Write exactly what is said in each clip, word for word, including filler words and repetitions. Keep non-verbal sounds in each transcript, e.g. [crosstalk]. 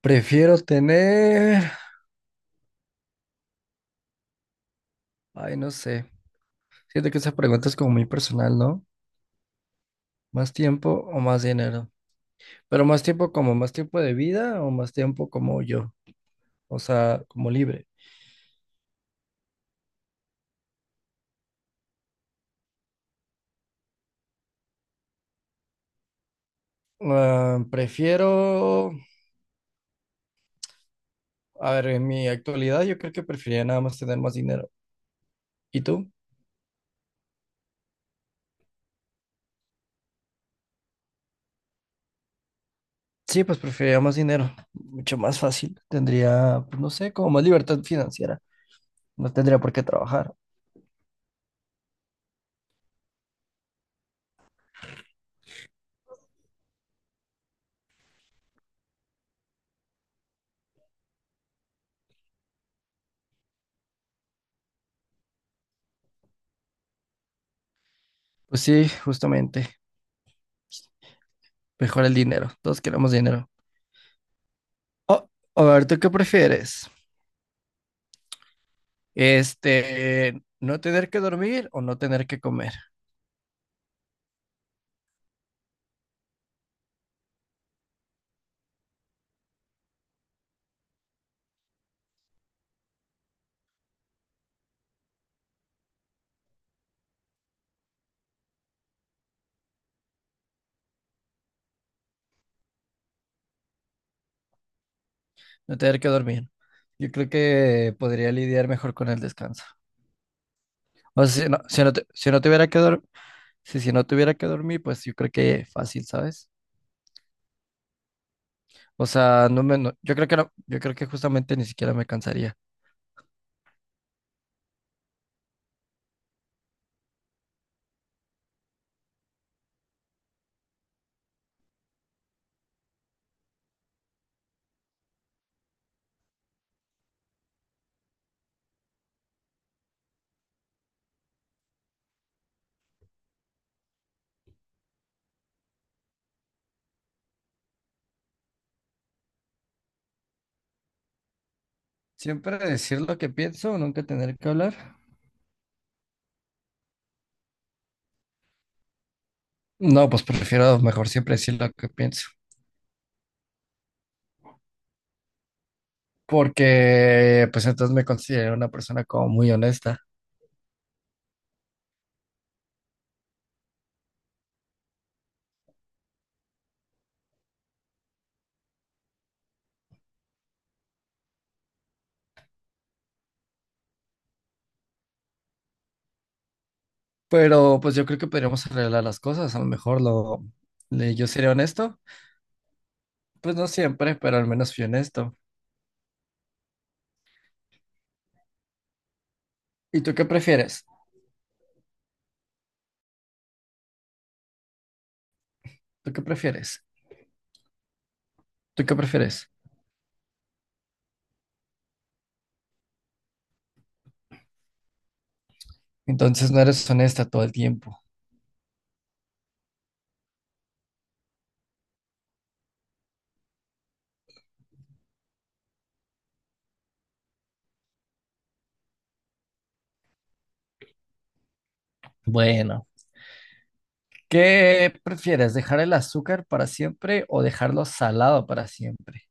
Prefiero tener, ay, no sé. Siento que esa pregunta es como muy personal, ¿no? ¿Más tiempo o más dinero? Pero más tiempo como más tiempo de vida o más tiempo como yo, o sea, como libre. Ah, prefiero, a ver, en mi actualidad yo creo que preferiría nada más tener más dinero. ¿Y tú? Sí, pues preferiría más dinero, mucho más fácil. Tendría, pues no sé, como más libertad financiera. No tendría por qué trabajar. Pues sí, justamente, mejor el dinero. Todos queremos dinero. O, a ver, ¿tú qué prefieres? Este, no tener que dormir o no tener que comer, no tener que dormir. Yo creo que podría lidiar mejor con el descanso. O sea, si no, si no, te- si no tuviera que dormir, si, si no tuviera que dormir, pues yo creo que fácil, ¿sabes? O sea, no me, no- yo creo que no, yo creo que justamente ni siquiera me cansaría. Siempre decir lo que pienso, nunca tener que hablar. No, pues prefiero mejor siempre decir lo que pienso, porque pues entonces me considero una persona como muy honesta. Pero pues yo creo que podríamos arreglar las cosas. A lo mejor lo, le- Yo seré honesto. Pues no siempre, pero al menos fui honesto. ¿Y tú qué prefieres? ¿Tú qué prefieres? ¿Tú qué prefieres? Entonces no eres honesta todo el tiempo. Bueno, ¿qué prefieres? ¿Dejar el azúcar para siempre o dejarlo salado para siempre?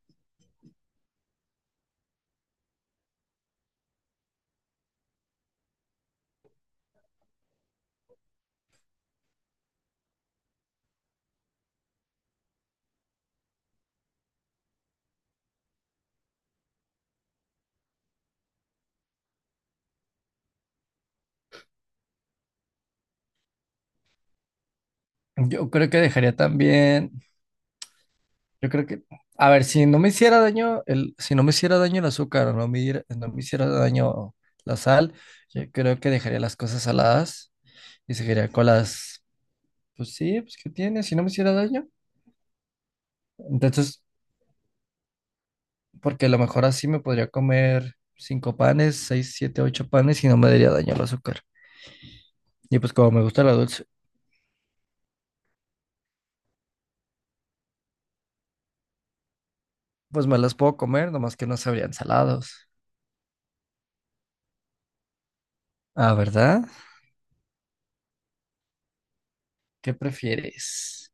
Yo creo que dejaría también, yo creo que, A ver, si no me hiciera daño el, si no me hiciera daño el azúcar o no me, hiera- no me hiciera daño la sal, yo creo que dejaría las cosas saladas. Y se quería con las, pues sí, pues ¿qué tiene? Si no me hiciera daño. Entonces, porque a lo mejor así me podría comer cinco panes, seis, siete, ocho panes y no me daría daño el azúcar. Y pues como me gusta la dulce, pues me las puedo comer, nomás que no sabrían salados. Ah, ¿verdad? ¿Qué prefieres?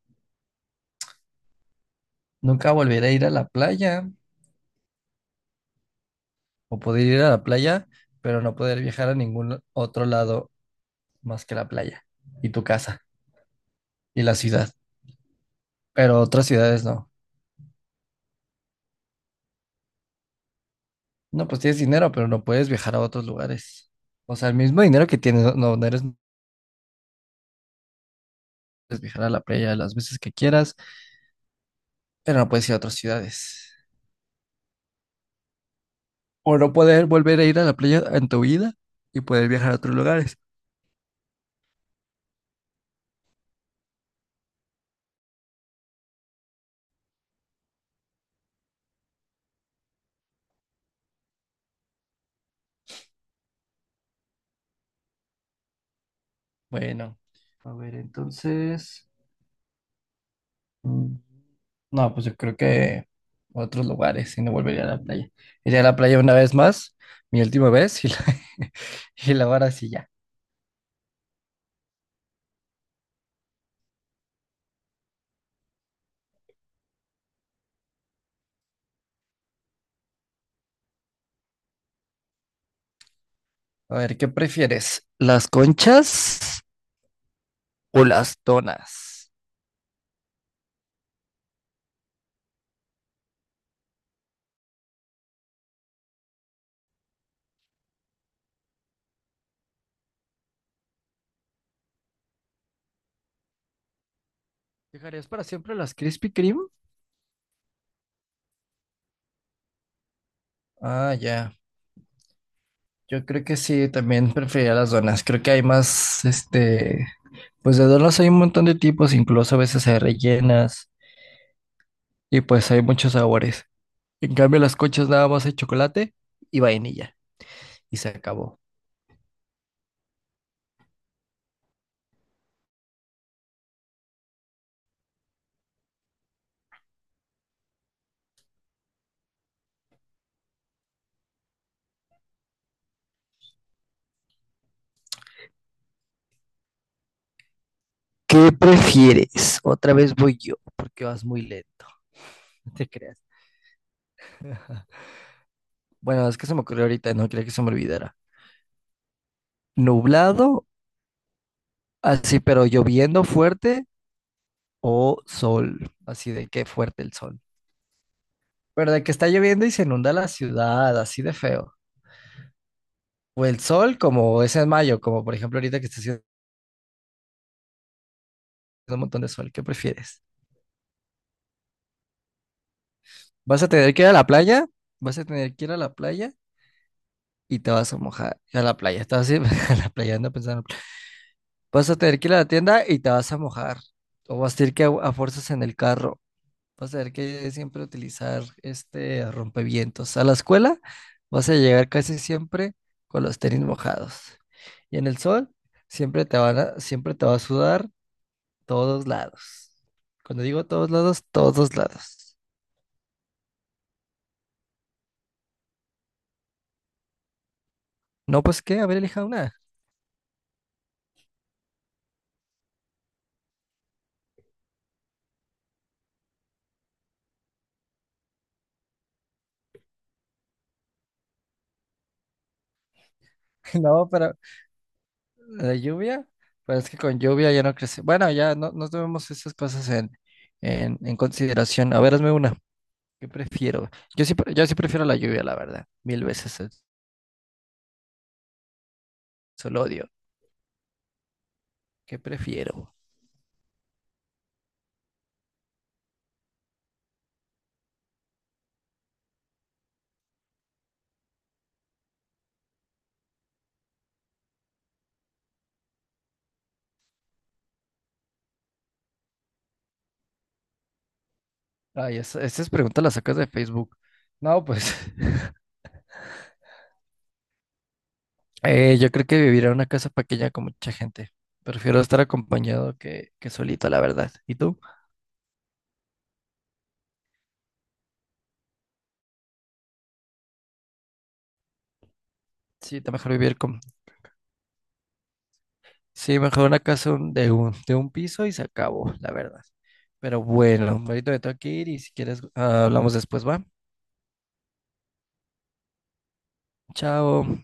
¿Nunca volver a ir a la playa? ¿O poder ir a la playa, pero no poder viajar a ningún otro lado más que la playa y tu casa y la ciudad? Pero otras ciudades no. No, pues tienes dinero, pero no puedes viajar a otros lugares. O sea, el mismo dinero que tienes, no, no no eres, no puedes viajar a la playa las veces que quieras, pero no puedes ir a otras ciudades. O no poder volver a ir a la playa en tu vida y poder viajar a otros lugares. Bueno, a ver, entonces... mm, no, pues yo creo que a otros lugares y no volvería a la playa. Iría a la playa una vez más, mi última vez, y la, [laughs] y la ahora sí ya. A ver, ¿qué prefieres? ¿Las conchas o las donas? ¿Dejarías para siempre las Krispy Kreme? Ah, ya. Yo creo que sí, también preferiría las donas. Creo que hay más, este, pues de donas hay un montón de tipos, incluso a veces hay rellenas y pues hay muchos sabores. En cambio, las conchas nada más hay chocolate y vainilla y se acabó. ¿Qué prefieres? Otra vez voy yo, porque vas muy lento, no te creas. [laughs] Bueno, es que se me ocurrió ahorita, no quería que se me olvidara. Nublado, así, pero lloviendo fuerte o sol, así de que fuerte el sol. Pero de que está lloviendo y se inunda la ciudad, así de feo. O el sol, como es en mayo, como por ejemplo ahorita que está haciendo un montón de sol, ¿qué prefieres? ¿Vas a tener que ir a la playa? ¿Vas a tener que ir a la playa? Y te vas a mojar. A la playa, estás así, [laughs] a la playa, ando pensando. Vas a tener que ir a la tienda y te vas a mojar. O vas a tener que a, a fuerzas en el carro. Vas a tener que siempre utilizar este rompevientos. A la escuela vas a llegar casi siempre con los tenis mojados. Y en el sol siempre te van a- siempre te va a sudar todos lados. Cuando digo todos lados, todos lados. No, pues qué, a ver elija una. [laughs] No, pero la lluvia, pero es que con lluvia ya no crece. Bueno, ya no, no tomemos esas cosas en, en, en consideración. A ver, hazme una. ¿Qué prefiero? Yo sí, pre- yo sí prefiero la lluvia, la verdad. Mil veces el sol odio. ¿Qué prefiero? Ay, es- estas preguntas las sacas de Facebook. No, pues [laughs] eh, yo creo que vivir en una casa pequeña con mucha gente. Prefiero estar acompañado que, que solito, la verdad. ¿Y tú? Sí, está mejor vivir con... Sí, mejor una casa un- de un, de un piso y se acabó, la verdad. Pero bueno, ahorita me tengo que ir y si quieres ah, hablamos después, ¿va? Chao.